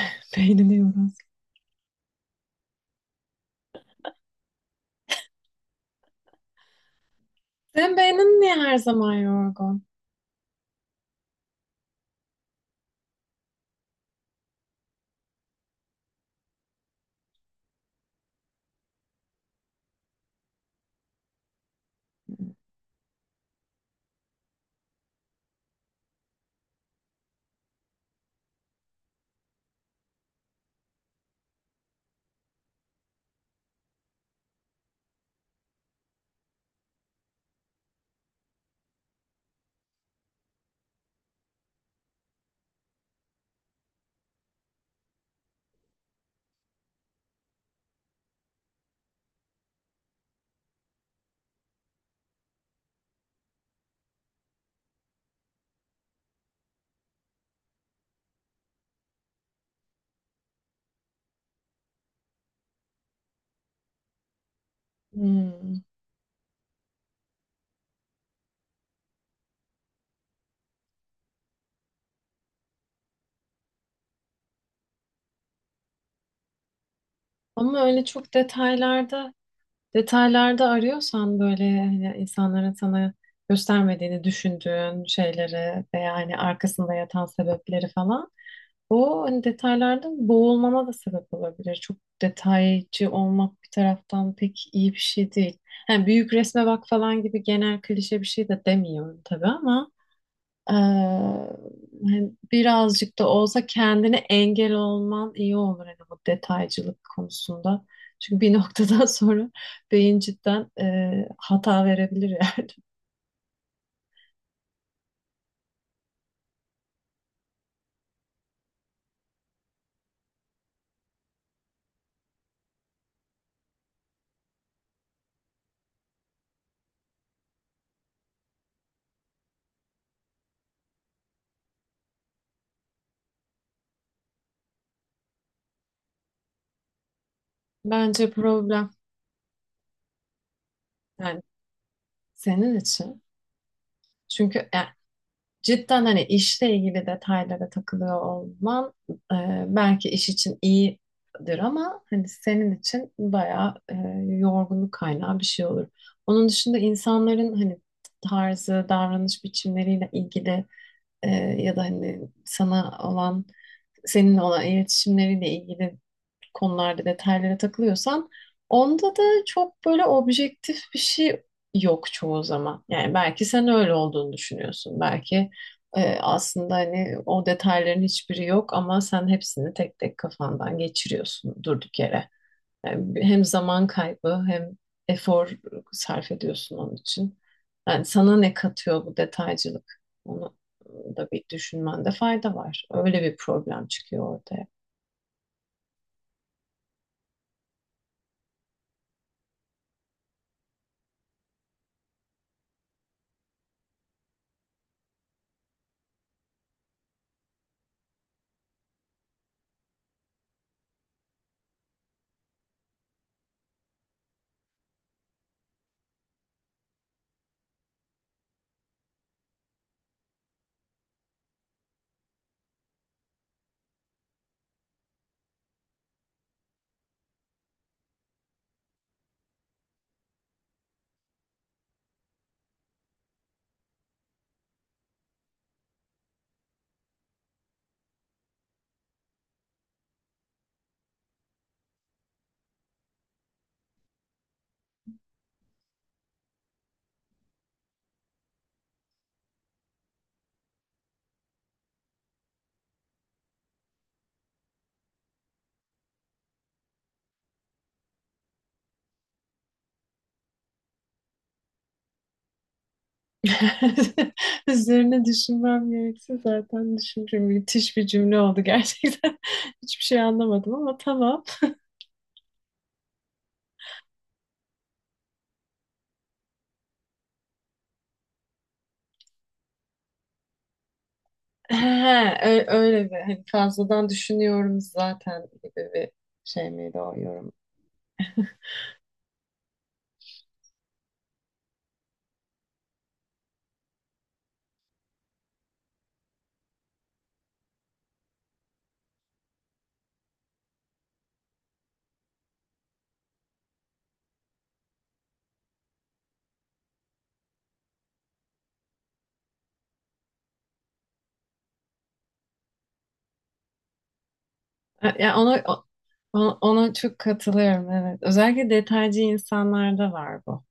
Beynini yoran. Sen beynin niye her zaman yorgun? Hmm. Ama öyle çok detaylarda arıyorsan böyle hani insanların sana göstermediğini düşündüğün şeyleri ve yani arkasında yatan sebepleri falan o hani detaylarda boğulmana da sebep olabilir. Çok detaycı olmak bir taraftan pek iyi bir şey değil. Yani büyük resme bak falan gibi genel klişe bir şey de demiyorum tabii ama Ee, hani birazcık da olsa kendine engel olman iyi olur hani bu detaycılık konusunda. Çünkü bir noktadan sonra beyin cidden hata verebilir yani. Bence problem yani senin için. Çünkü yani cidden hani işle ilgili detaylara takılıyor olman belki iş için iyidir ama hani senin için bayağı yorgunluk kaynağı bir şey olur. Onun dışında insanların hani tarzı, davranış biçimleriyle ilgili e, ya da hani sana olan seninle olan iletişimleriyle ilgili konularda detaylara takılıyorsan onda da çok böyle objektif bir şey yok çoğu zaman. Yani belki sen öyle olduğunu düşünüyorsun. Belki aslında hani o detayların hiçbiri yok ama sen hepsini tek tek kafandan geçiriyorsun durduk yere. Yani hem zaman kaybı hem efor sarf ediyorsun onun için. Yani sana ne katıyor bu detaycılık? Onu da bir düşünmende fayda var. Öyle bir problem çıkıyor ortaya. Üzerine düşünmem gerekse zaten düşünürüm. Müthiş bir cümle oldu gerçekten. Hiçbir şey anlamadım ama tamam. He, öyle bir hani fazladan düşünüyorum zaten gibi bir şey miydi o yorum? Ha, ona çok katılıyorum, evet. Özellikle detaycı insanlarda var bu.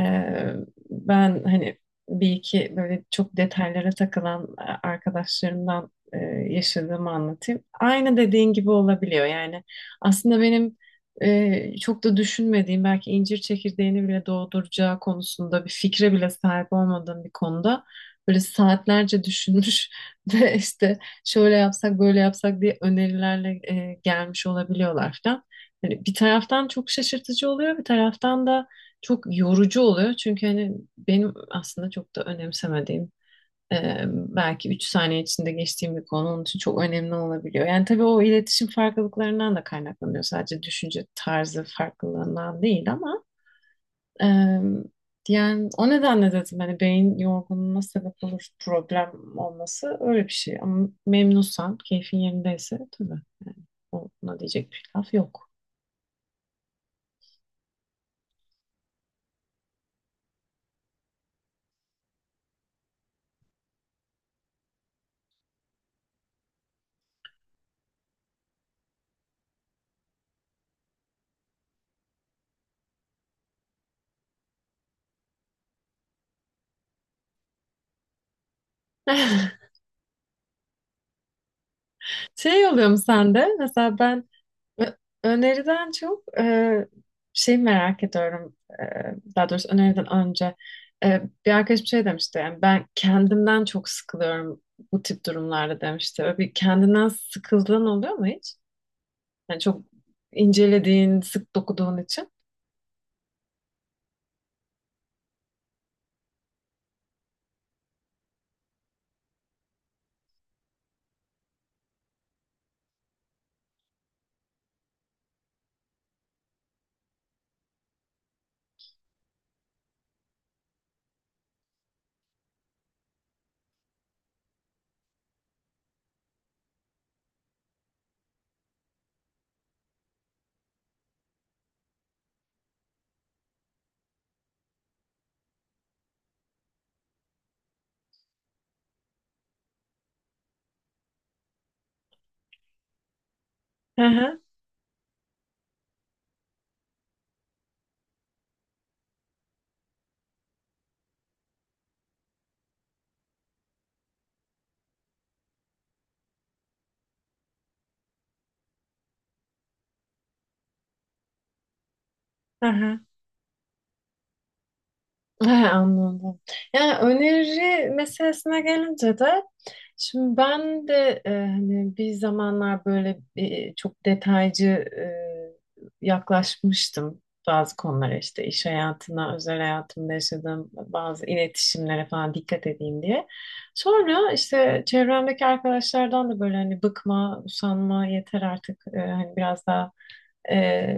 Ee, ben hani bir iki böyle çok detaylara takılan arkadaşlarımdan yaşadığımı anlatayım. Aynı dediğin gibi olabiliyor. Yani aslında benim çok da düşünmediğim, belki incir çekirdeğini bile doğduracağı konusunda bir fikre bile sahip olmadığım bir konuda böyle saatlerce düşünmüş ve işte şöyle yapsak böyle yapsak diye önerilerle gelmiş olabiliyorlar falan. Hani bir taraftan çok şaşırtıcı oluyor, bir taraftan da çok yorucu oluyor. Çünkü hani benim aslında çok da önemsemediğim, belki 3 saniye içinde geçtiğim bir konu onun için çok önemli olabiliyor. Yani tabii o iletişim farklılıklarından da kaynaklanıyor. Sadece düşünce tarzı farklılığından değil ama e, yani o nedenle dedim hani beyin yorgunluğuna sebep olur problem olması öyle bir şey. Ama memnunsan, keyfin yerindeyse tabii yani ona diyecek bir laf yok. Şey oluyor mu sende? Mesela ben ö- öneriden çok şey merak ediyorum. E, daha doğrusu öneriden önce. E, bir arkadaşım şey demişti. Yani ben kendimden çok sıkılıyorum bu tip durumlarda demişti. Öyle bir kendinden sıkıldığın oluyor mu hiç? Yani çok incelediğin, sık dokuduğun için. Hı hı. Hı hı. He, anladım. Yani öneri meselesine gelince de şimdi ben de hani bir zamanlar böyle çok detaycı e, yaklaşmıştım bazı konulara, işte iş hayatına, özel hayatımda yaşadığım bazı iletişimlere falan dikkat edeyim diye. Sonra işte çevremdeki arkadaşlardan da böyle hani bıkma, usanma, yeter artık, hani biraz daha e,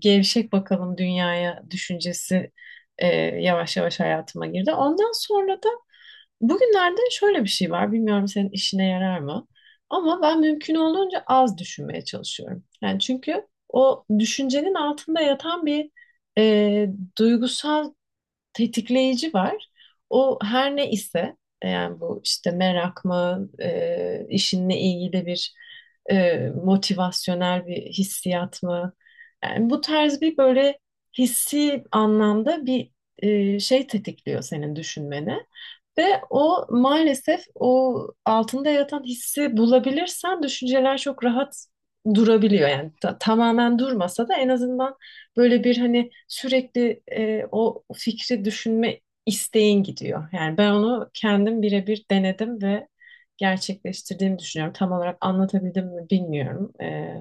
gevşek bakalım dünyaya düşüncesi yavaş yavaş hayatıma girdi. Ondan sonra da bugünlerde şöyle bir şey var. Bilmiyorum senin işine yarar mı? Ama ben mümkün olduğunca az düşünmeye çalışıyorum. Yani çünkü o düşüncenin altında yatan bir e, duygusal tetikleyici var. O her ne ise yani bu işte merak mı, işinle ilgili bir motivasyonel bir hissiyat mı? Yani bu tarz bir böyle hissi anlamda bir şey tetikliyor senin düşünmeni. Ve o maalesef o altında yatan hissi bulabilirsen düşünceler çok rahat durabiliyor. Yani tamamen durmasa da en azından böyle bir hani sürekli o fikri düşünme isteğin gidiyor. Yani ben onu kendim birebir denedim ve gerçekleştirdiğimi düşünüyorum. Tam olarak anlatabildim mi bilmiyorum. E,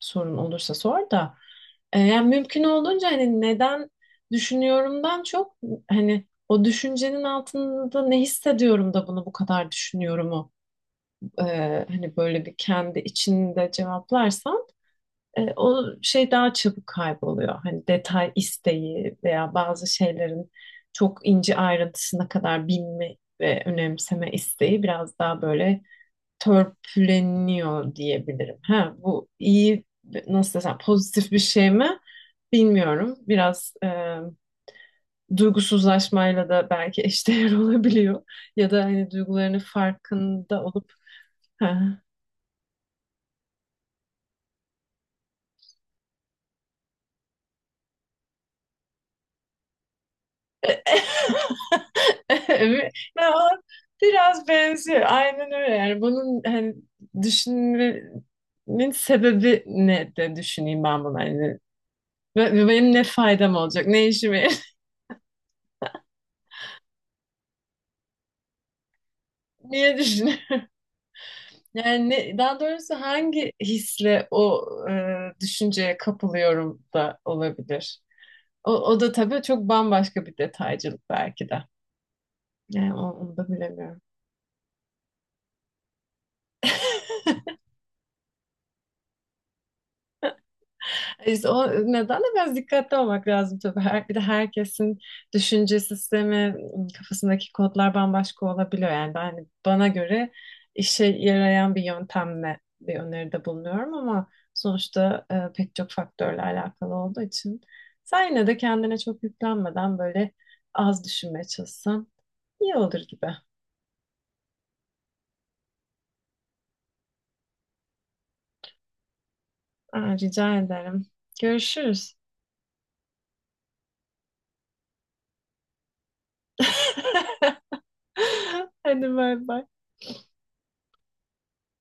sorun olursa sor da. E, yani mümkün olduğunca hani neden düşünüyorumdan çok hani o düşüncenin altında ne hissediyorum da bunu bu kadar düşünyorumu e, hani böyle bir kendi içinde cevaplarsam o şey daha çabuk kayboluyor. Hani detay isteği veya bazı şeylerin çok ince ayrıntısına kadar bilme ve önemseme isteği biraz daha böyle törpüleniyor diyebilirim. Ha, bu iyi, nasıl desem, pozitif bir şey mi bilmiyorum. Biraz duygusuzlaşmayla da belki eşdeğer olabiliyor. Ya da hani duygularının farkında olup ha. Evet. Ya, biraz benziyor. Aynen öyle. Yani bunun hani düşünmenin sebebi ne de düşüneyim ben bunu. Hani ve benim ne faydam olacak? Ne işime yarar- Niye düşünüyorum? Yani daha doğrusu hangi hisle o düşünceye kapılıyorum da olabilir. O da tabii çok bambaşka bir detaycılık belki de. Yani onu da bilemiyorum. İşte o nedenle biraz dikkatli olmak lazım tabii. Bir de herkesin düşünce sistemi, kafasındaki kodlar bambaşka olabiliyor. Yani ben, hani bana göre işe yarayan bir yöntemle bir öneride bulunuyorum ama sonuçta pek çok faktörle alakalı olduğu için sen yine de kendine çok yüklenmeden böyle az düşünmeye çalışsan iyi olur gibi. Aa, rica ederim. Görüşürüz. Hadi bay bay.